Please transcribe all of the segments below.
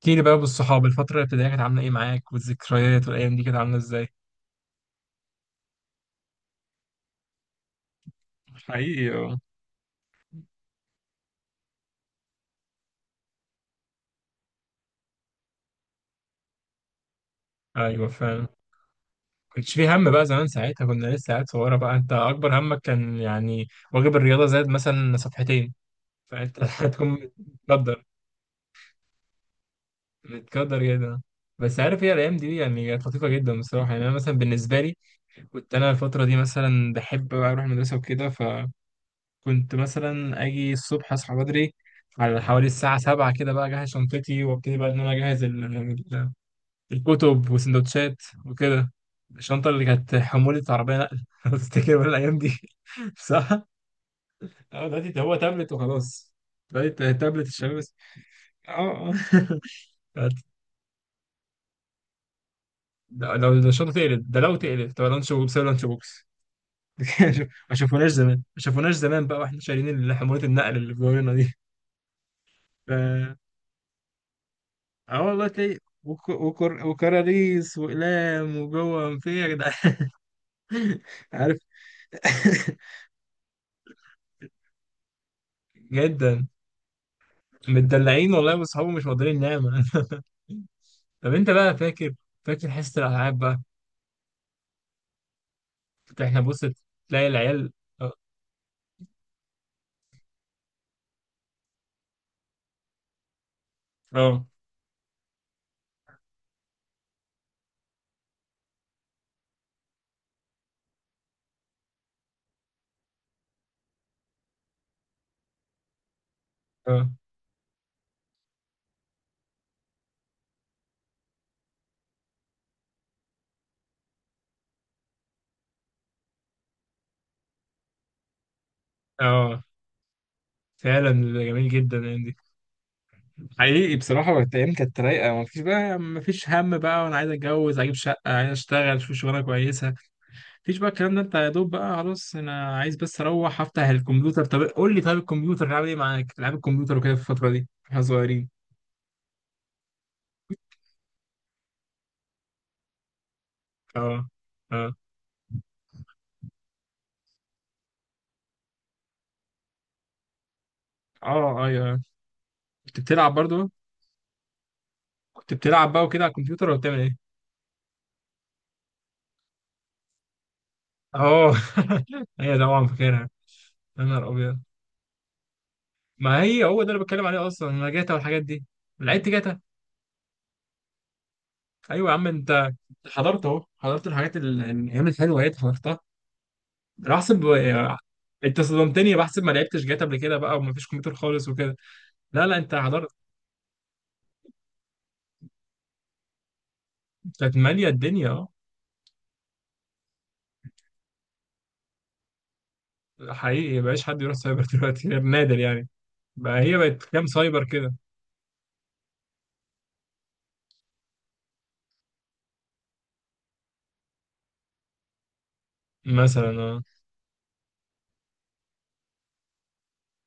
احكي لي بقى بالصحاب الفترة الابتدائية كانت عاملة ايه معاك، والذكريات والأيام دي كانت عاملة ازاي؟ حقيقي، اه. أيوة، فعلا. كنتش في هم بقى زمان، ساعتها كنا لسه عيال صغيرة بقى. أنت أكبر همك كان يعني واجب الرياضة زاد مثلا صفحتين، فأنت هتكون متقدر، متقدر جدا. بس عارف ايه الأيام دي، يعني كانت لطيفة جدا بصراحة. يعني أنا مثلا بالنسبة لي كنت أنا الفترة دي مثلا بحب بقى أروح المدرسة وكده. كنت مثلا اجي الصبح اصحى بدري على حوالي الساعة سبعة كده، بقى اجهز شنطتي وابتدي بقى ان انا اجهز الكتب وسندوتشات وكده. الشنطة اللي كانت حمولة عربية نقل لو تفتكر بقى الايام دي. صح؟ اه دلوقتي هو تابلت وخلاص. دلوقتي تابلت الشباب بس. اه، اه. لو الشنطة تقلب، ده لو تقلب، طب لانش بوكس ولا لانش بوكس. ما شافوناش زمان، ما شافوناش زمان بقى واحنا شايلين حمولة النقل اللي في دورنا دي. اه والله تلاقي وكراريس وأقلام وجوه في إيه يا جدعان. عارف. جدا، متدلعين والله واصحابه مش مقدرين نعمة. طب انت بقى فاكر حصة الألعاب بقى. كنت احنا بص، تلاقي العيال. اه، اه، اه، آه. فعلا. جميل جدا الايام دي، حقيقي بصراحة. وقت ايام كانت رايقة، مفيش هم بقى. وانا عايز اتجوز اجيب شقة، عايز اشتغل اشوف شغلانة كويسة. مفيش بقى الكلام ده، انت يا دوب بقى خلاص انا عايز بس اروح افتح الكمبيوتر. طب قول لي، طيب الكمبيوتر لعب ايه معاك؟ العاب الكمبيوتر وكده في الفتره دي احنا صغيرين. اه، اه، اه، ايوه. كنت بتلعب برضو؟ كنت بتلعب بقى وكده على الكمبيوتر ولا بتعمل ايه؟ اه. هي طبعا فاكرها. يا نهار ابيض. ما هي هو ده اللي بتكلم عليه اصلا، انا جاتا والحاجات دي. لعبت جاتا. ايوه يا عم انت، حضرت اهو، حضرت الحاجات الايام الحلوه اهي، حضرتها. انا احسب، انت صدمتني بحسب ما لعبتش جاتا قبل كده بقى ومفيش كمبيوتر خالص وكده. لا لا انت حضرت. كانت ماليه الدنيا، اه. حقيقي مبقاش حد يروح سايبر دلوقتي غير نادر يعني. بقى هي بقت كام سايبر كده؟ مثلا، اه.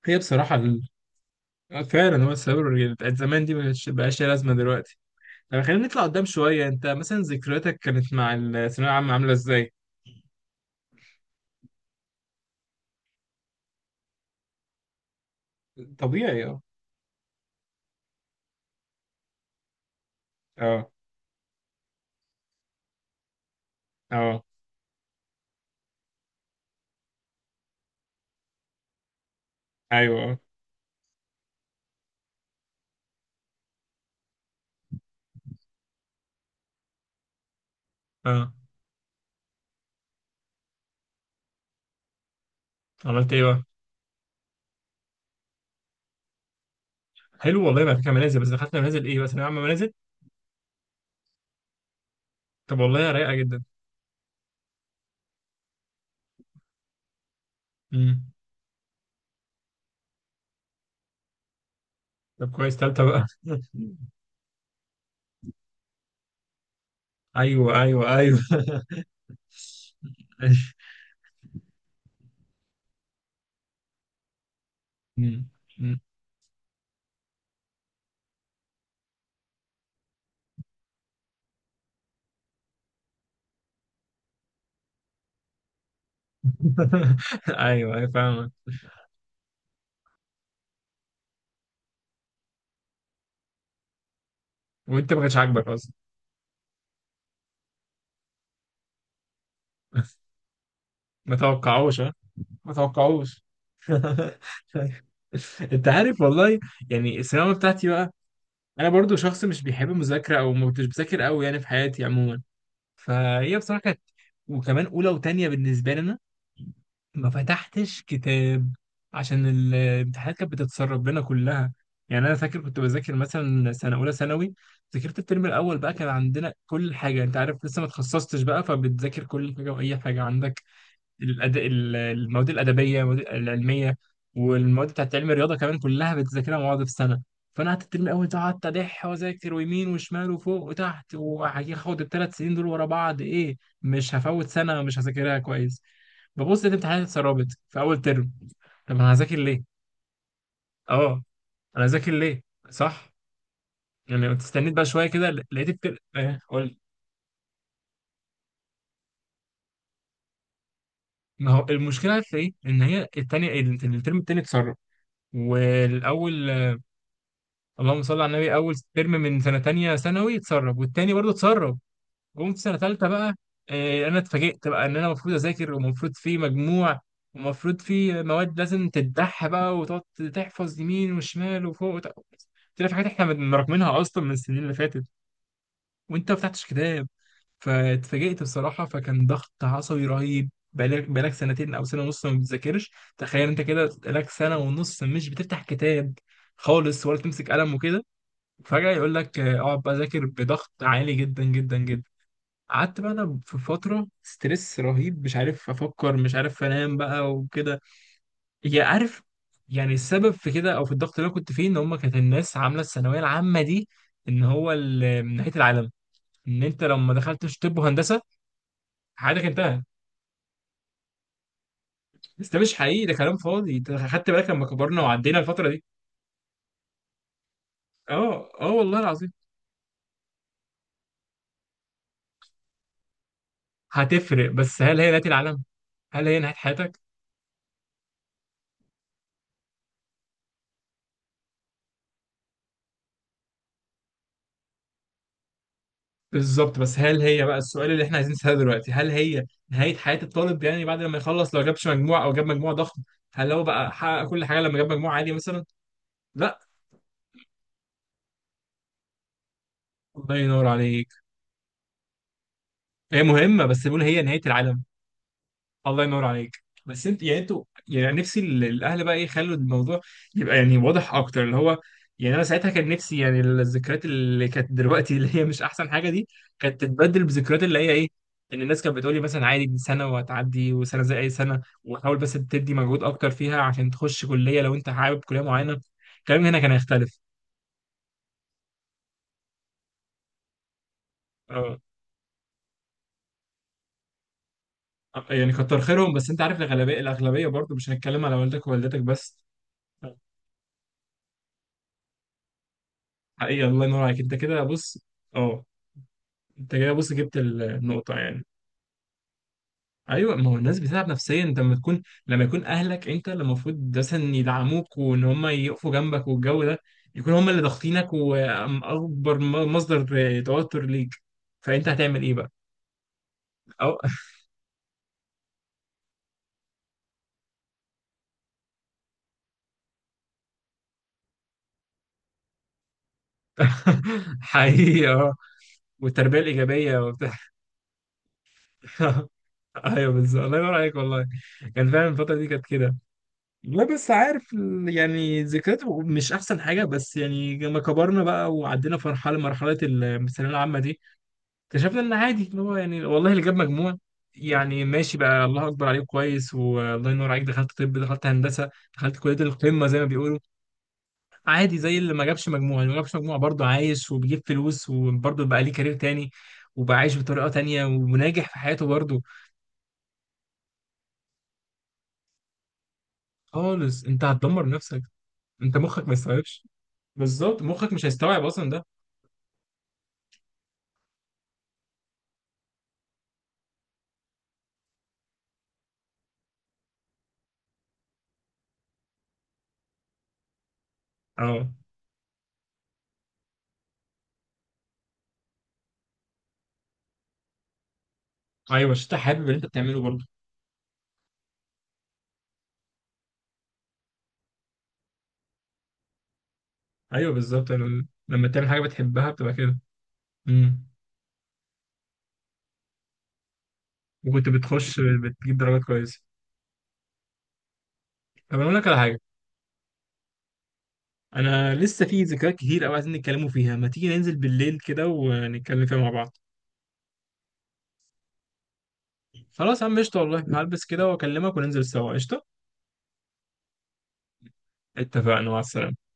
هي بصراحه اه فعلا، هو السايبر اللي بتاعت زمان دي بقاش ليها لازمه دلوقتي. طب خلينا نطلع قدام شويه، انت مثلا ذكرياتك كانت مع الثانويه العامه عامله ازاي؟ طبيعي، اه. اه، اه، ايوه، اه، اه. عملت ايه بقى؟ حلو والله بقى فكره منازل، بس دخلت منازل ايه بقى، ثانويه عامه منازل؟ طب والله رايقه جدا. امم. طب كويس، تالتة بقى. ايوه ايوه ايوه. مم. مم. ايوه ايوه فاهمك. وانت ما كانش عاجبك اصلا. ما توقعوش ها، ما توقعوش. انت عارف والله، يعني الثانويه بتاعتي بقى، انا برضو شخص مش بيحب المذاكره، او ما كنتش بذاكر قوي يعني في حياتي عموما. فهي بصراحة كانت، وكمان أولى وتانية بالنسبة لنا ما فتحتش كتاب عشان الامتحانات كانت بتتسرب بينا كلها. يعني انا فاكر كنت بذاكر مثلا سنه اولى ثانوي، ذاكرت الترم الاول بقى، كان عندنا كل حاجه انت عارف لسه ما تخصصتش بقى، فبتذاكر كل حاجه واي حاجه عندك. المواد الأدبية، المواد العلمية، والمواد بتاعت علم الرياضة كمان، كلها بتذاكرها مع بعض في السنة. فأنا قعدت الترم الأول ده، قعدت أدح وأذاكر ويمين وشمال وفوق وتحت، وهاخد الثلاث سنين دول ورا بعض، إيه مش هفوت سنة مش هذاكرها كويس. ببص لقيت امتحانات اتسربت في أول ترم. طب أنا هذاكر ليه؟ أه. أنا هذاكر ليه؟ صح؟ يعني كنت استنيت بقى شوية كده، لقيت الترم إيه قول. ما هو المشكلة في إيه؟ إن هي الترم التاني اتسرب، والأول، اللهم صل على النبي، اول ترم من سنه تانية ثانوي اتسرب، والتاني برضه اتسرب. جم في سنه تالتة بقى، انا اتفاجئت بقى ان انا المفروض اذاكر، ومفروض في مجموع، ومفروض في مواد لازم تتدح بقى، وتقعد تحفظ يمين وشمال وفوق طلع في حاجات احنا راكمينها اصلا من السنين اللي فاتت، وانت ما فتحتش كتاب. فاتفاجئت بصراحه، فكان ضغط عصبي رهيب. بقالك سنتين او سنه ونص ما بتذاكرش، تخيل انت كده بقالك سنه ونص مش بتفتح كتاب خالص ولا تمسك قلم وكده. فجأة يقول لك اقعد بقى ذاكر بضغط عالي جدا جدا جدا. قعدت بقى انا في فترة ستريس رهيب مش عارف افكر، مش عارف انام بقى وكده. يا عارف، يعني السبب في كده او في الضغط اللي انا كنت فيه، ان هم كانت الناس عاملة الثانوية العامة دي ان هو من نهاية العالم، ان انت لو ما دخلتش طب وهندسة حياتك انتهت. بس ده مش حقيقي، ده كلام فاضي. انت خدت بالك لما كبرنا وعدينا الفترة دي؟ اه، اه، والله العظيم. هتفرق، بس هل هي نهاية العالم؟ هل هي نهاية حياتك؟ بالظبط، بس هل هي بقى السؤال اللي احنا عايزين نسأله دلوقتي، هل هي نهاية حياة الطالب يعني بعد لما يخلص لو جابش مجموع او جاب مجموع ضخم؟ هل هو بقى حقق كل حاجة لما جاب مجموع عالي مثلا؟ لا. الله ينور عليك. هي مهمة، بس بيقول هي نهاية العالم. الله ينور عليك، بس انت يعني، انتوا يعني نفسي الاهل بقى ايه يخلوا الموضوع يبقى يعني واضح اكتر اللي هو، يعني انا ساعتها كان نفسي يعني الذكريات اللي كانت دلوقتي اللي هي مش احسن حاجه دي كانت تتبدل بذكريات اللي هي ايه، ان الناس كانت بتقولي مثلا عادي، دي سنه وهتعدي، وسنه زي اي سنه، وحاول بس تدي مجهود اكتر فيها عشان تخش كليه لو انت حابب كليه معينه. الكلام هنا كان هيختلف. اه، يعني كتر خيرهم، بس انت عارف الاغلبيه الاغلبيه برضه. مش هنتكلم على والدك ووالدتك بس. حقيقه. الله ينور عليك. انت كده، بص، اه. انت جاي، بص، جبت النقطة يعني. ايوه، ما هو الناس بتتعب نفسيا، انت لما يكون اهلك انت اللي المفروض مثلا يدعموك وان هم يقفوا جنبك والجو ده، يكون هم اللي ضاغطينك واكبر مصدر توتر ليك. فانت هتعمل ايه بقى؟ أو. حقيقي، اه. والتربية الإيجابية وبتاع. ايوه بالظبط، الله ينور عليك والله، كان فعلا الفترة دي كانت كده. لا بس عارف يعني ذكريات مش احسن حاجه، بس يعني لما كبرنا بقى وعدينا في مرحله الثانويه العامه دي، اكتشفنا ان عادي اللي هو يعني، والله اللي جاب مجموع يعني ماشي بقى الله اكبر عليك كويس، والله ينور عليك دخلت طب، دخلت هندسه، دخلت كليه القمه زي ما بيقولوا، عادي زي اللي ما جابش مجموع. اللي ما جابش مجموع برضه عايش وبيجيب فلوس وبرضه بقى ليه كارير تاني، وبقى عايش بطريقه تانيه وناجح في حياته برضه. خالص انت هتدمر نفسك. انت مخك ما يستوعبش، بالظبط مخك مش هيستوعب اصلا ده. اه ايوه، عشان انت حابب اللي انت بتعمله برضه. ايوه بالظبط، لما تعمل حاجه بتحبها بتبقى كده. امم. وكنت بتخش بتجيب درجات كويسه. طب انا اقول لك على حاجه، انا لسه في ذكريات كتير قوي عايزين نتكلموا فيها، ما تيجي ننزل بالليل كده ونتكلم فيها مع بعض. خلاص يا عم قشطه والله، هلبس كده واكلمك وننزل سوا قشطه. اتفقنا، مع السلامه.